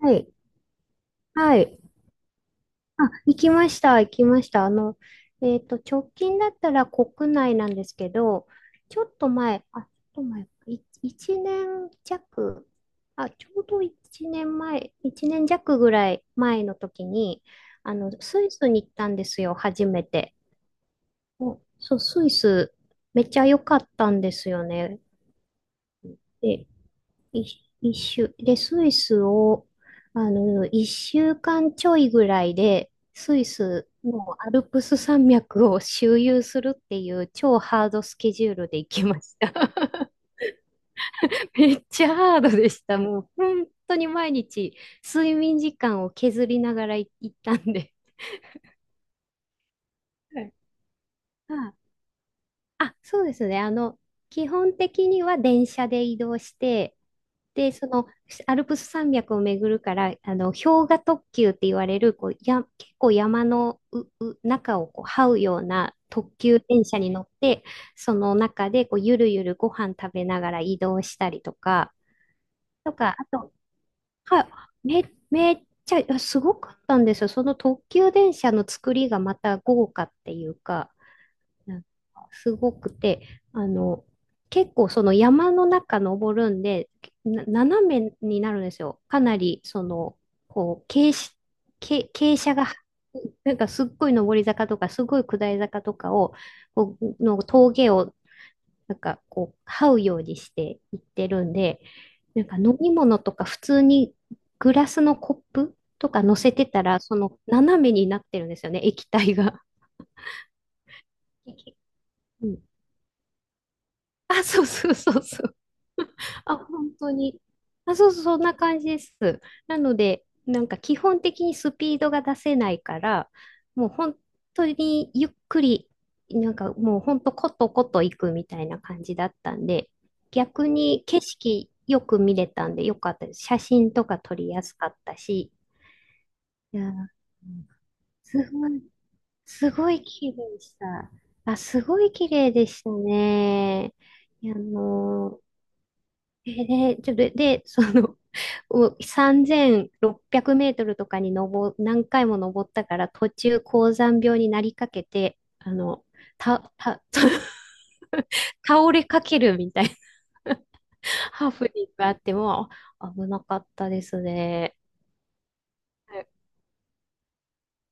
はい。はい。あ、行きました。行きました。直近だったら国内なんですけど、ちょっと前、1年弱、ちょうど1年前、1年弱ぐらい前の時に、スイスに行ったんですよ、初めて。お、そう、スイス、めっちゃ良かったんですよね。で、一周。で、スイスを、一週間ちょいぐらいで、スイスのアルプス山脈を周遊するっていう超ハードスケジュールで行きました。めっちゃハードでした。もう本当に毎日睡眠時間を削りながら行ったんで。はい。あ、そうですね。基本的には電車で移動して、で、その、アルプス山脈を巡るから、氷河特急って言われる、こう、結構山の中をこう、這うような特急電車に乗って、その中で、こう、ゆるゆるご飯食べながら移動したりとか、とか、あと、はい、めっちゃ、いやすごかったんですよ。その特急電車の作りがまた豪華っていうか、なんかすごくて、あの、結構その山の中登るんで、斜めになるんですよ。かなり、その、こう、傾斜が、なんかすっごい上り坂とか、すごい下り坂とかを、こうの峠を、なんかこう、這うようにしていってるんで、なんか飲み物とか普通にグラスのコップとか乗せてたら、その斜めになってるんですよね、液体が。うん。あ、そうそうそうそう。あ、本当に。あ、そうそう、そんな感じです。なので、なんか基本的にスピードが出せないから、もう本当にゆっくり、なんかもう本当コトコト行くみたいな感じだったんで、逆に景色よく見れたんでよかったです。写真とか撮りやすかったし、いやー、すごい、すごい綺麗でした。あ、すごい綺麗でしたね。いやあのーえで、ちょっと、で、その、3600メートルとかに何回も登ったから、途中、高山病になりかけて、あの、た、た、倒れかけるみたいな ハプニングがあっても、危なかったですね。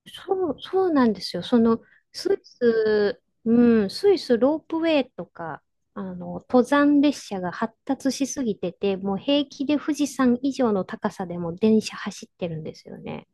そう、そうなんですよ。その、スイス、うん、スイスロープウェイとか、登山列車が発達しすぎてて、もう平気で富士山以上の高さでも電車走ってるんですよね。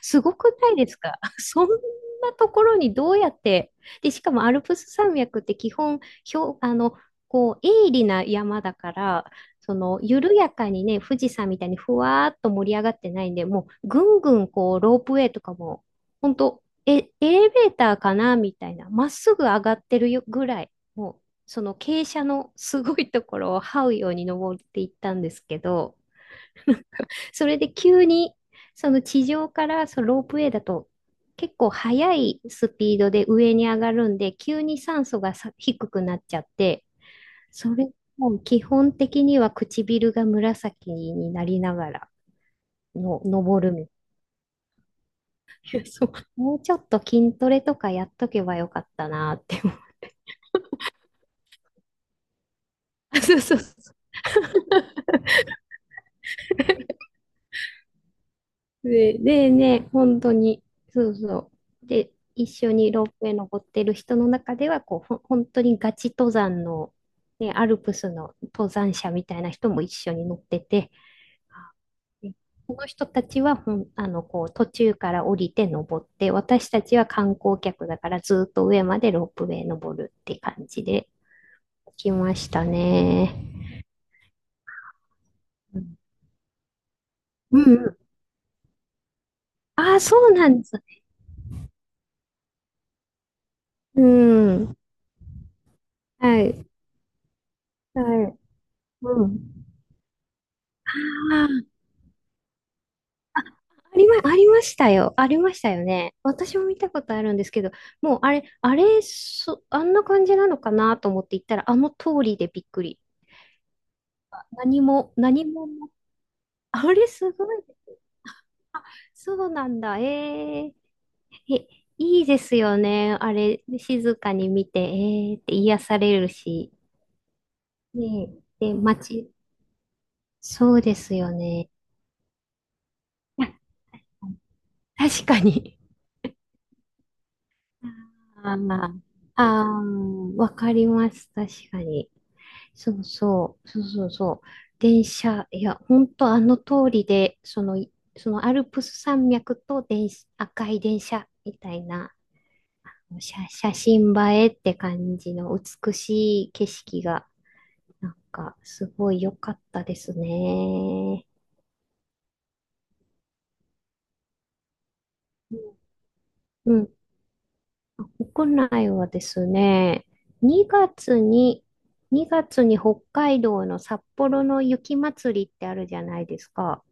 すごくないですか？ そんなところにどうやって、で、しかもアルプス山脈って基本、ひょ、あの、こう、鋭利な山だから、その、緩やかにね、富士山みたいにふわーっと盛り上がってないんで、もう、ぐんぐん、こう、ロープウェイとかも、ほんと、エレベーターかなみたいな、まっすぐ上がってるよぐらい、もう、その傾斜のすごいところを這うように登っていったんですけど、それで急に、その地上からそのロープウェイだと結構速いスピードで上に上がるんで、急に酸素がさ低くなっちゃって、それも基本的には唇が紫になりながらの登るみたいな。そうもうちょっと筋トレとかやっとけばよかったなって思う。そうそうそう。でね、本当に、そうそう。で、一緒にロープウェイ登ってる人の中では、こう、本当にガチ登山の、ね、アルプスの登山者みたいな人も一緒に乗ってて、でこの人たちはほん、あの、こう、途中から降りて登って、私たちは観光客だからずっと上までロープウェイ登るって感じで来ましたね。うん、うん。ああ、そうなんです。うん。はい。はい。うん。ああ。ありましたよ。ありましたよね。私も見たことあるんですけど、もうあれ、あんな感じなのかなと思って行ったら、あの通りでびっくり。何も、何も、あれすごい。そうなんだ。ー、え、いいですよね。あれ、静かに見て、えーって癒されるし。ねえ、で、そうですよね。いや確かに。ああ、ああ、わかります。確かに。そうそう、そうそうそう。電車、いや、本当あの通りで、その、いそのアルプス山脈と電車、赤い電車みたいな、写真映えって感じの美しい景色が、なんか、すごい良かったですね。うん、国内はですね、2月に、2月に北海道の札幌の雪まつりってあるじゃないですか？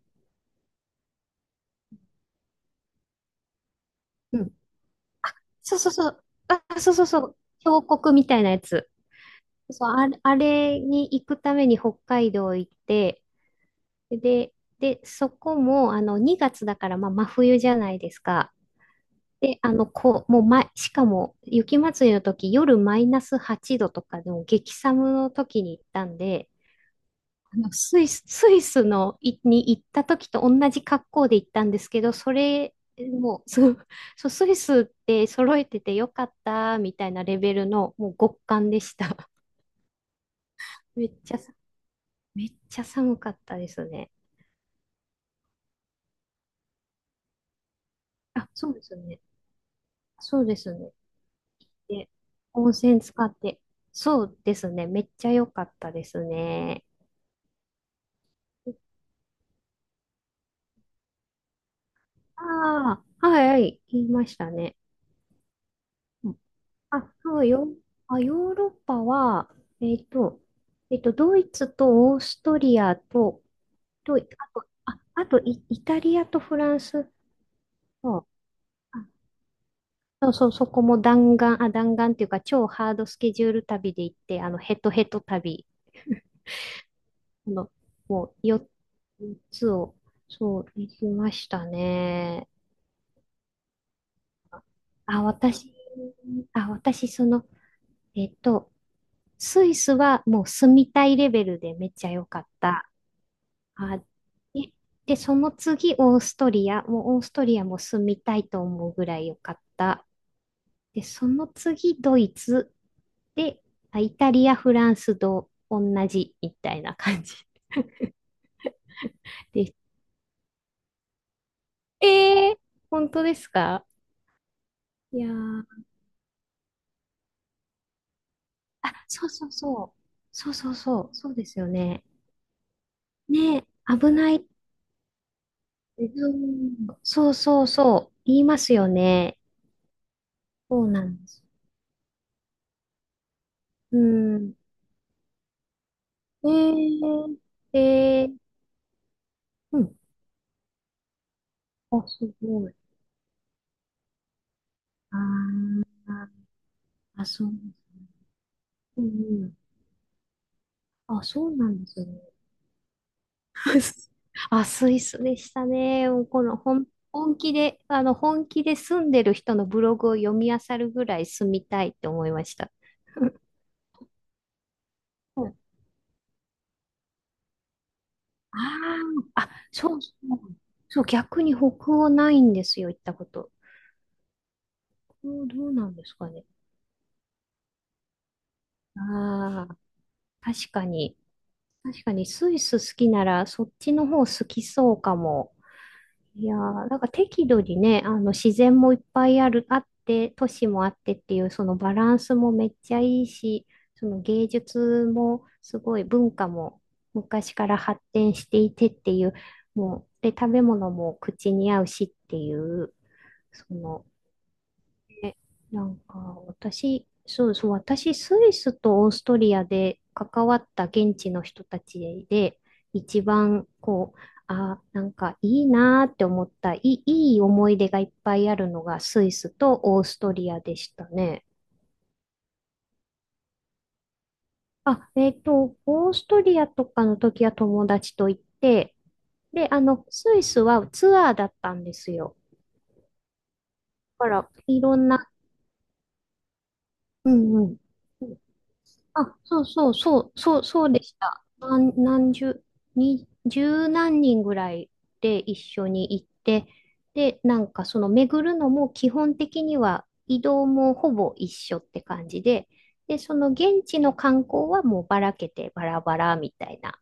そうそうそう。あ、そうそうそう。峡谷みたいなやつ。そう、あれに行くために北海道行って、で、そこも、2月だから、まあ、真冬じゃないですか？で、こう、もう、ま、しかも、雪まつりの時、夜マイナス8度とかでも激寒の時に行ったんで、スイスのに行った時と同じ格好で行ったんですけど、それもう、そうそうスイスって揃えててよかったみたいなレベルのもう極寒でした。めっちゃさ、めっちゃ寒かったですね。あ、そうですね。そうですね。で、温泉使って。そうですね。めっちゃ良かったですね。ああ、はいはい、言いましたね。あ、そうよ。あ、ヨーロッパは、えっと、ドイツとオーストリアと、と、ああと、イタリアとフランスと、あそうそう、そこも弾丸っていうか、超ハードスケジュール旅で行って、ヘトヘト旅の、もう、4つを、そう、行きましたね。あ、私、私、えっと、スイスはもう住みたいレベルでめっちゃ良かった。あ、で、で、その次、オーストリア。もうオーストリアも住みたいと思うぐらい良かった。で、その次、ドイツ。で、イタリア、フランスと同じみたいな感じです。えー、本当ですか？いやー、あ、そうそうそう。そうそうそう。そうですよね。ねえ、危ない。うん、そうそうそう。言いますよね。そうなんです。うん。えー、えー、うん。あ、すごい。あーあ、そう。うん。あ、そうなんですね。あ、スイスでしたね。もうこの本気で住んでる人のブログを読み漁るぐらい住みたいって思いました。うん。ああ、あ、そうそう。そう、逆に北欧ないんですよ、行ったこと。北欧どうなんですかね？ああ、確かに。確かに、スイス好きなら、そっちの方好きそうかも。いやー、なんか適度にね、あの、自然もいっぱいあって、都市もあってっていう、そのバランスもめっちゃいいし、その芸術もすごい文化も昔から発展していてっていう。もう、で、食べ物も口に合うしっていう、そのえなんか、私、そうそう、私、スイスとオーストリアで関わった現地の人たちで、一番、こう、あ、なんかいいなーって思った、いい思い出がいっぱいあるのがスイスとオーストリアでしたね。あ、オーストリアとかの時は友達と行って、で、あの、スイスはツアーだったんですよ。だから、いろんな、うんうん。あ、そうでした。何十、に、十何人ぐらいで一緒に行って、で、なんかその巡るのも基本的には移動もほぼ一緒って感じで、で、その現地の観光はもうばらけてバラバラみたいな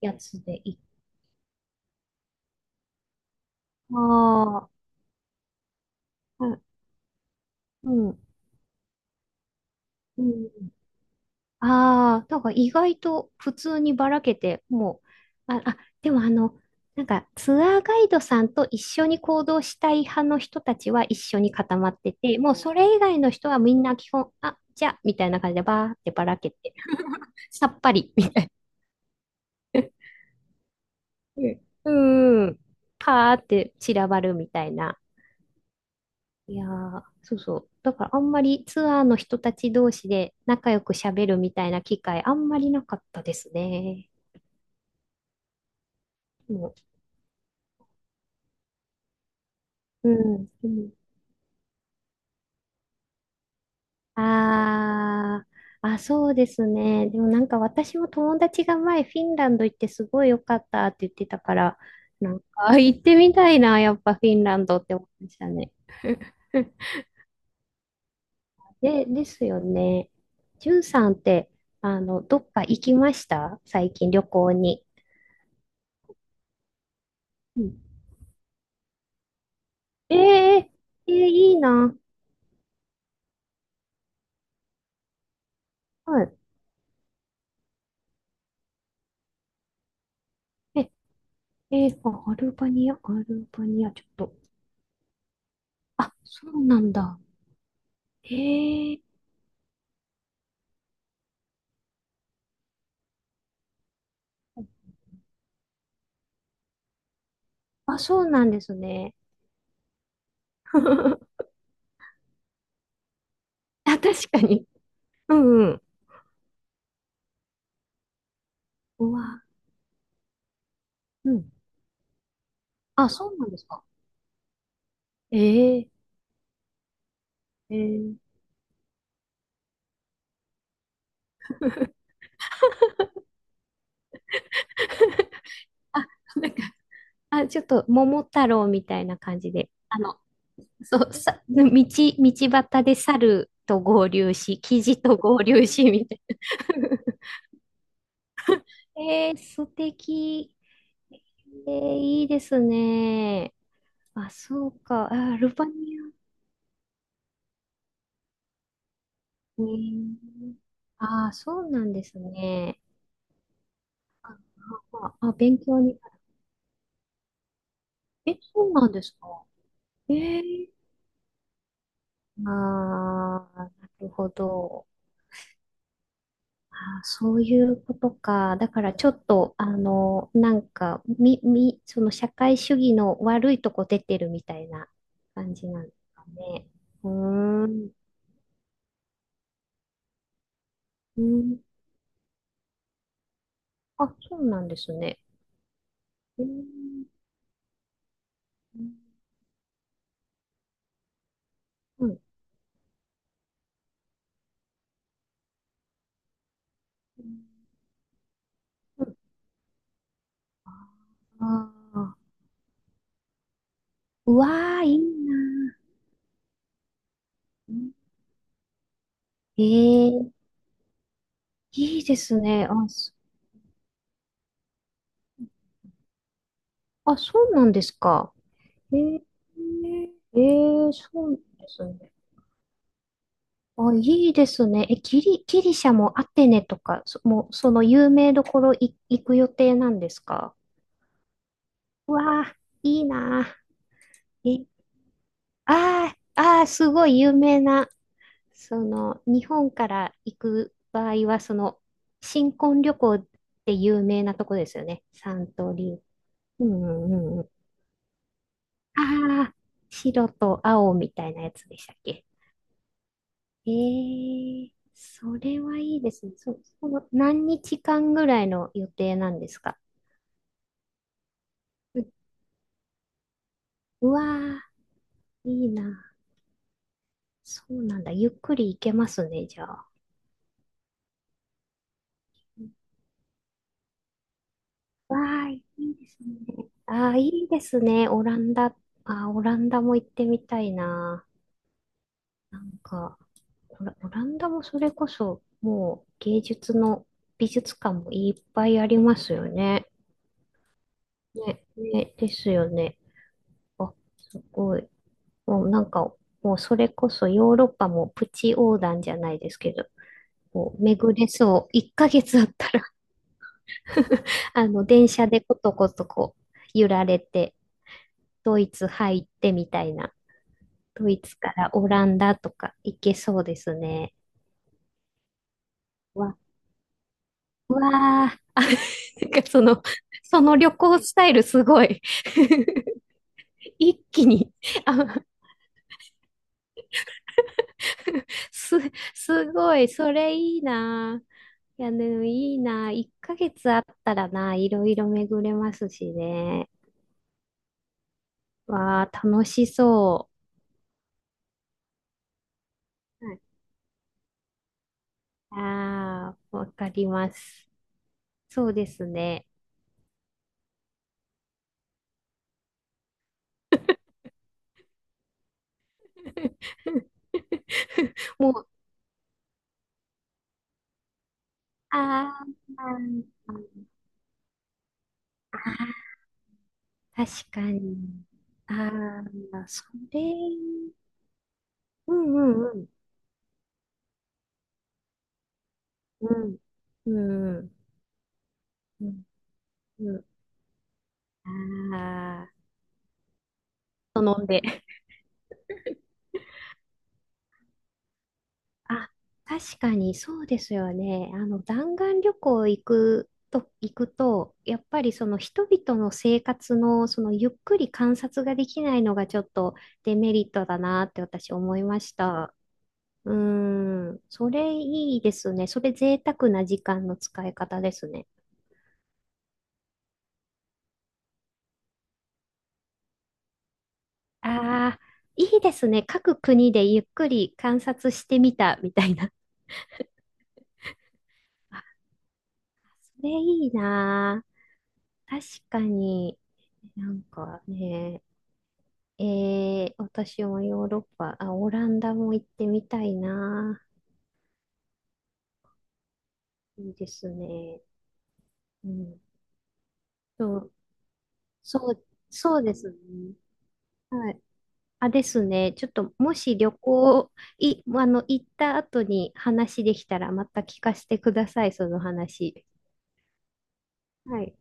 やつで行っああー、はいうん、うん。ああ、なんか意外と普通にばらけて、もう、あ、あ、でもあの、なんかツアーガイドさんと一緒に行動したい派の人たちは一緒に固まってて、もうそれ以外の人はみんな基本、あ、じゃあ、みたいな感じでばーってばらけて、さっぱり、みたいな。うんうん。パーって散らばるみたいな。いやー、そうそう。だからあんまりツアーの人たち同士で仲良く喋るみたいな機会あんまりなかったですね。もう、うん。うん。あー、あ、そうですね。でもなんか私も友達が前フィンランド行ってすごい良かったって言ってたから、なんか行ってみたいな、やっぱフィンランドって思いましたね。で、ですよね。ジュンさんって、あの、どっか行きました最近旅行に。うん。えー、えーいいな。はい。え、えーアルバニア、ちょっと。あ、そうなんだ。えーあ、そうなんですね。あ、確かに。うんうん。うわ、うん。あ、そうなんですか。ええええ あ、なんか、あ、ちょっと、桃太郎みたいな感じで。あの、そう、道端で猿と合流し、キジと合流し、みたいな。ええ、素敵。ええ、いいですね。あ、そうか。あ、アルバニア。ええ、あ、そうなんですね。あ、勉強にえ、そうなんですか。ええ、ああ、なるほど。あー、そういうことか。だからちょっと、あの、なんか、その社会主義の悪いとこ出てるみたいな感じなんですかね。うーん。うん。あ、そうなんですね。うーん。うん。うんああー、うわー、いいなー。ええ、いいですね。あ、そうなんですか。えー、えー、そうなんですね。あ、いいですね。え、ギリシャもアテネとか、そ、もう、その有名どころい行く予定なんですか？いいなあ。え、ああ、ああ、すごい有名な、その、日本から行く場合は、その、新婚旅行って有名なとこですよね。三刀流。うんうんうんうん。ああ、白と青みたいなやつでしたっけ？ええ、それはいいですね。その何日間ぐらいの予定なんですか？うん、うわー、いいな。そうなんだ。ゆっくり行けますね、じゃあ。うわあ、いいですね。ああ、いいですね。オランダ。あー、オランダも行ってみたいな。なんか、オランダもそれこそ、もう芸術の美術館もいっぱいありますよね。ね、ですよね。あ、すごい。もうなんか、もうそれこそヨーロッパもプチ横断じゃないですけど、もう巡れそう。1ヶ月あったら あの、電車でコトコトこう、揺られて、ドイツ入ってみたいな。ドイツからオランダとか行けそうですね。わ、うわあ、なんかその、その旅行スタイルすごい 一気にあ、す、すごい、それいいな。いや、でもいいな。1ヶ月あったらな、いろいろ巡れますしね。わあ、楽しそう。はい、ああ、わかります。そうですね。もう、あーあー、確かに。ああ、それ、うんうんうん。うん。うん。うん。うんああ、飲んで。あ、確かにそうですよね。あの、弾丸旅行行くと、行くと、やっぱりその人々の生活の、そのゆっくり観察ができないのがちょっとデメリットだなって私思いました。うーん、それいいですね。それ贅沢な時間の使い方ですね。ああ、いいですね。各国でゆっくり観察してみたみたいな。あ、それいいなあ。確かに。なんかね、えー、私もヨーロッパ、あ、オランダも行ってみたいな。いいですね。うん。そう、そう、そうですね。はい。あ、ですね。ちょっと、もし旅行、い、あの、行った後に話できたら、また聞かせてください、その話。はい。